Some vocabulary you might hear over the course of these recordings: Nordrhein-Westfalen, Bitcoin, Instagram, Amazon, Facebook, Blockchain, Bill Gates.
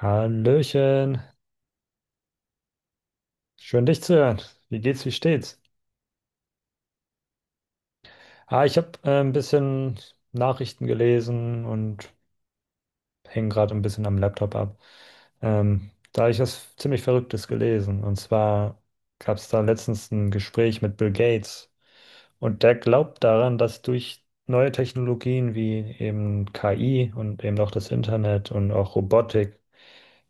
Hallöchen, schön dich zu hören. Wie geht's, wie steht's? Ah, ich habe ein bisschen Nachrichten gelesen und hänge gerade ein bisschen am Laptop ab. Da hab ich was ziemlich Verrücktes gelesen. Und zwar gab es da letztens ein Gespräch mit Bill Gates, und der glaubt daran, dass durch neue Technologien wie eben KI und eben auch das Internet und auch Robotik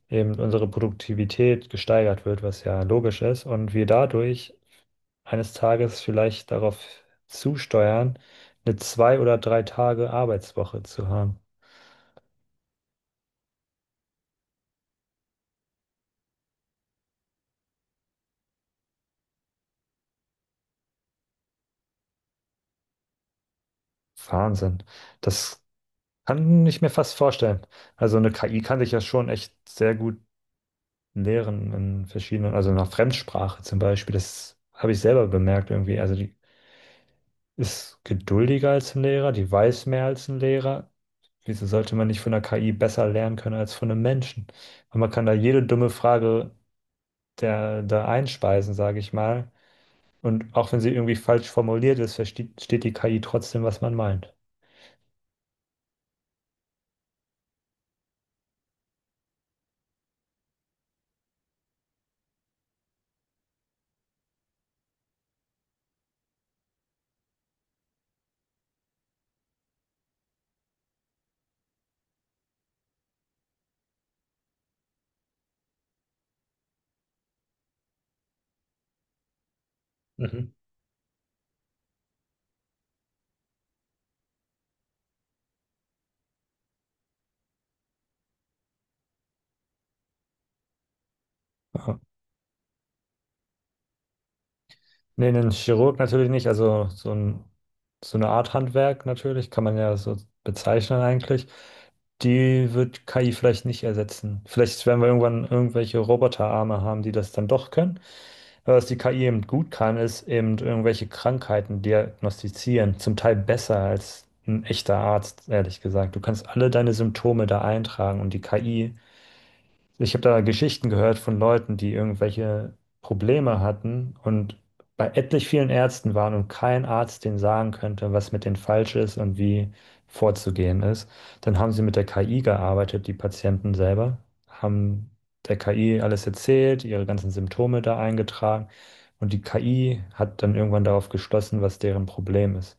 eben unsere Produktivität gesteigert wird, was ja logisch ist, und wir dadurch eines Tages vielleicht darauf zusteuern, eine zwei oder drei Tage Arbeitswoche zu haben. Wahnsinn. Das kann ich mir fast vorstellen. Also eine KI kann sich ja schon echt sehr gut lehren in verschiedenen, also nach Fremdsprache zum Beispiel. Das habe ich selber bemerkt irgendwie. Also die ist geduldiger als ein Lehrer, die weiß mehr als ein Lehrer. Wieso sollte man nicht von der KI besser lernen können als von einem Menschen? Und man kann da jede dumme Frage der, da einspeisen, sage ich mal. Und auch wenn sie irgendwie falsch formuliert ist, versteht die KI trotzdem, was man meint. Mhm. Ja. Nee, einen Chirurg natürlich nicht, also so ein, so eine Art Handwerk natürlich, kann man ja so bezeichnen eigentlich. Die wird KI vielleicht nicht ersetzen. Vielleicht werden wir irgendwann irgendwelche Roboterarme haben, die das dann doch können. Aber was die KI eben gut kann, ist eben irgendwelche Krankheiten diagnostizieren, zum Teil besser als ein echter Arzt, ehrlich gesagt. Du kannst alle deine Symptome da eintragen und die KI. Ich habe da Geschichten gehört von Leuten, die irgendwelche Probleme hatten und bei etlich vielen Ärzten waren und kein Arzt denen sagen könnte, was mit denen falsch ist und wie vorzugehen ist. Dann haben sie mit der KI gearbeitet, die Patienten selber, haben der KI alles erzählt, ihre ganzen Symptome da eingetragen, und die KI hat dann irgendwann darauf geschlossen, was deren Problem ist.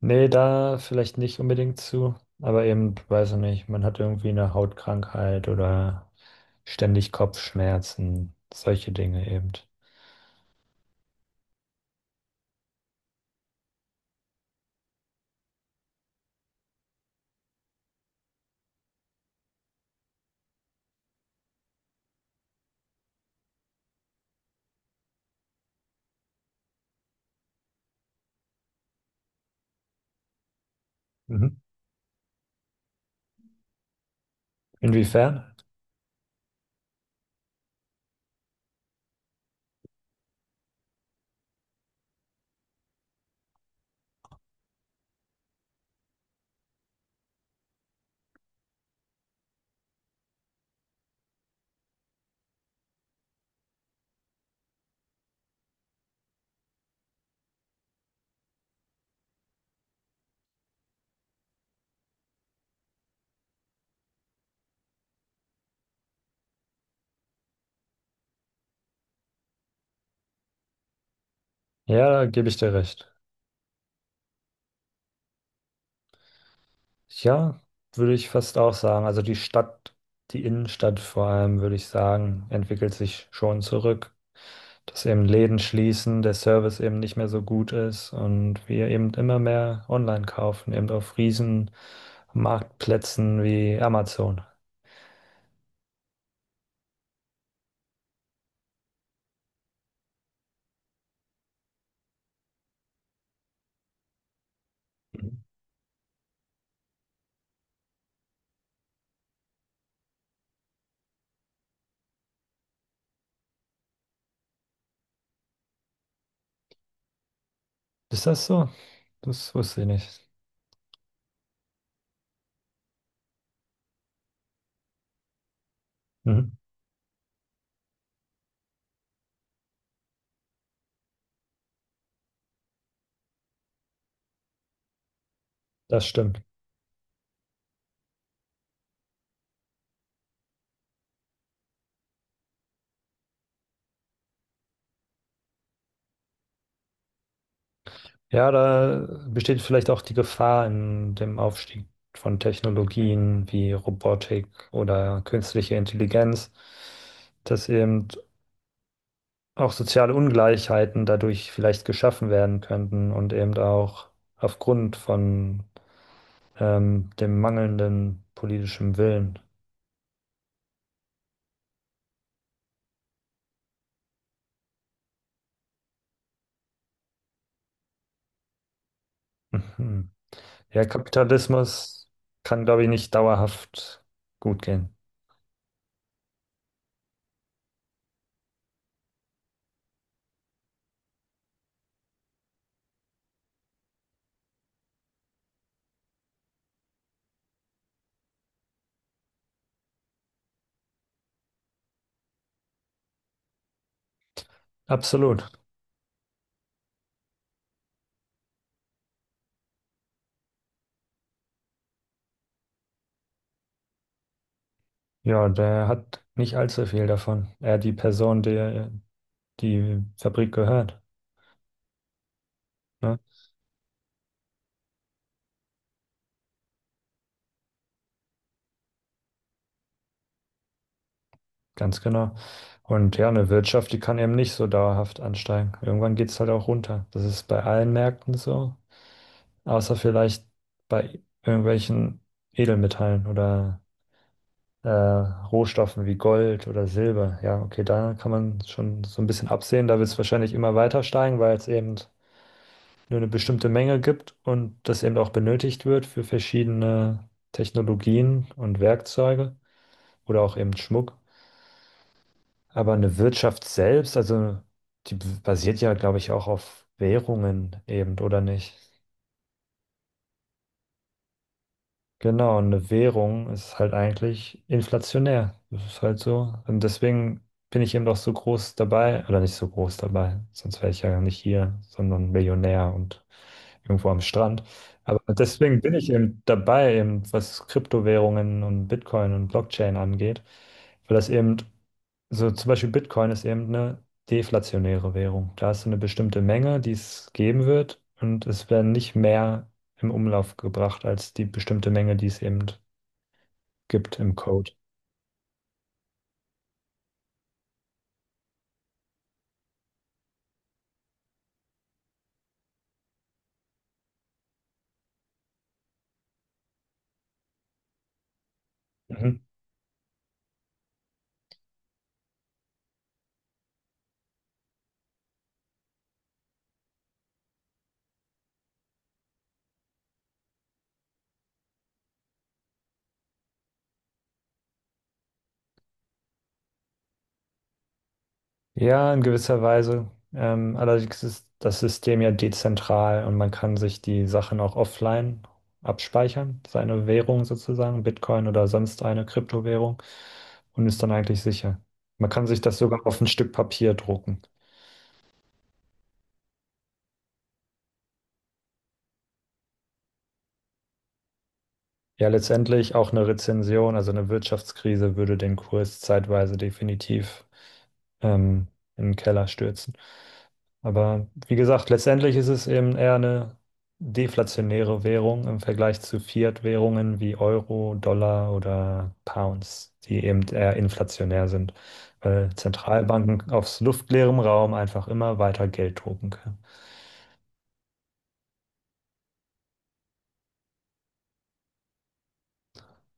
Nee, da vielleicht nicht unbedingt zu, aber eben, weiß ich nicht, man hat irgendwie eine Hautkrankheit oder ständig Kopfschmerzen, solche Dinge eben. Mhm. Inwiefern? Ja, da gebe ich dir recht. Ja, würde ich fast auch sagen. Also die Stadt, die Innenstadt vor allem, würde ich sagen, entwickelt sich schon zurück. Dass eben Läden schließen, der Service eben nicht mehr so gut ist und wir eben immer mehr online kaufen, eben auf riesen Marktplätzen wie Amazon. Mhm. Ist das so? Das wusste ich nicht. Mhm. Das stimmt. Ja, da besteht vielleicht auch die Gefahr in dem Aufstieg von Technologien wie Robotik oder künstliche Intelligenz, dass eben auch soziale Ungleichheiten dadurch vielleicht geschaffen werden könnten und eben auch aufgrund von dem mangelnden politischen Willen. Mhm. Ja, Kapitalismus kann, glaube ich, nicht dauerhaft gut gehen. Absolut. Ja, der hat nicht allzu viel davon. Er, die Person, der die Fabrik gehört. Ne? Ganz genau. Und ja, eine Wirtschaft, die kann eben nicht so dauerhaft ansteigen. Irgendwann geht es halt auch runter. Das ist bei allen Märkten so, außer vielleicht bei irgendwelchen Edelmetallen oder Rohstoffen wie Gold oder Silber. Ja, okay, da kann man schon so ein bisschen absehen. Da wird es wahrscheinlich immer weiter steigen, weil es eben nur eine bestimmte Menge gibt und das eben auch benötigt wird für verschiedene Technologien und Werkzeuge oder auch eben Schmuck. Aber eine Wirtschaft selbst, also die basiert ja, glaube ich, auch auf Währungen eben, oder nicht? Genau, und eine Währung ist halt eigentlich inflationär. Das ist halt so. Und deswegen bin ich eben doch so groß dabei, oder nicht so groß dabei, sonst wäre ich ja nicht hier, sondern Millionär und irgendwo am Strand. Aber deswegen bin ich eben dabei, eben was Kryptowährungen und Bitcoin und Blockchain angeht, weil das eben, so zum Beispiel Bitcoin ist eben eine deflationäre Währung. Da hast du eine bestimmte Menge, die es geben wird, und es werden nicht mehr im Umlauf gebracht als die bestimmte Menge, die es eben gibt im Code. Mhm. Ja, in gewisser Weise. Allerdings ist das System ja dezentral und man kann sich die Sachen auch offline abspeichern, seine Währung sozusagen, Bitcoin oder sonst eine Kryptowährung, und ist dann eigentlich sicher. Man kann sich das sogar auf ein Stück Papier drucken. Ja, letztendlich auch eine Rezession, also eine Wirtschaftskrise würde den Kurs zeitweise definitiv ähm, in den Keller stürzen. Aber wie gesagt, letztendlich ist es eben eher eine deflationäre Währung im Vergleich zu Fiat-Währungen wie Euro, Dollar oder Pounds, die eben eher inflationär sind, weil Zentralbanken aus luftleerem Raum einfach immer weiter Geld drucken können.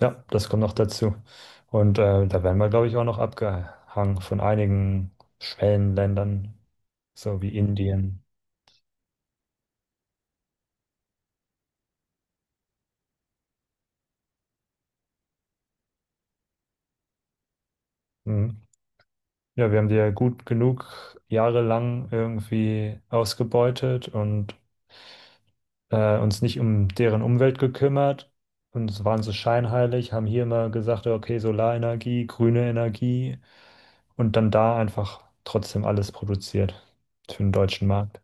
Ja, das kommt noch dazu. Und da werden wir, glaube ich, auch noch abgehangen von einigen Schwellenländern, so wie Indien. Mhm. Ja, wir haben die ja gut genug jahrelang irgendwie ausgebeutet und uns nicht um deren Umwelt gekümmert. Und es waren so scheinheilig, haben hier immer gesagt, okay, Solarenergie, grüne Energie, und dann da einfach trotzdem alles produziert für den deutschen Markt.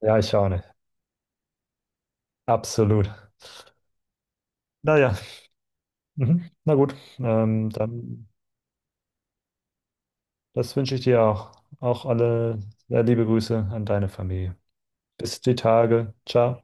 Ja, ich auch nicht. Absolut. Naja. Mhm. Na gut, dann das wünsche ich dir auch. Auch alle liebe Grüße an deine Familie. Bis die Tage. Ciao.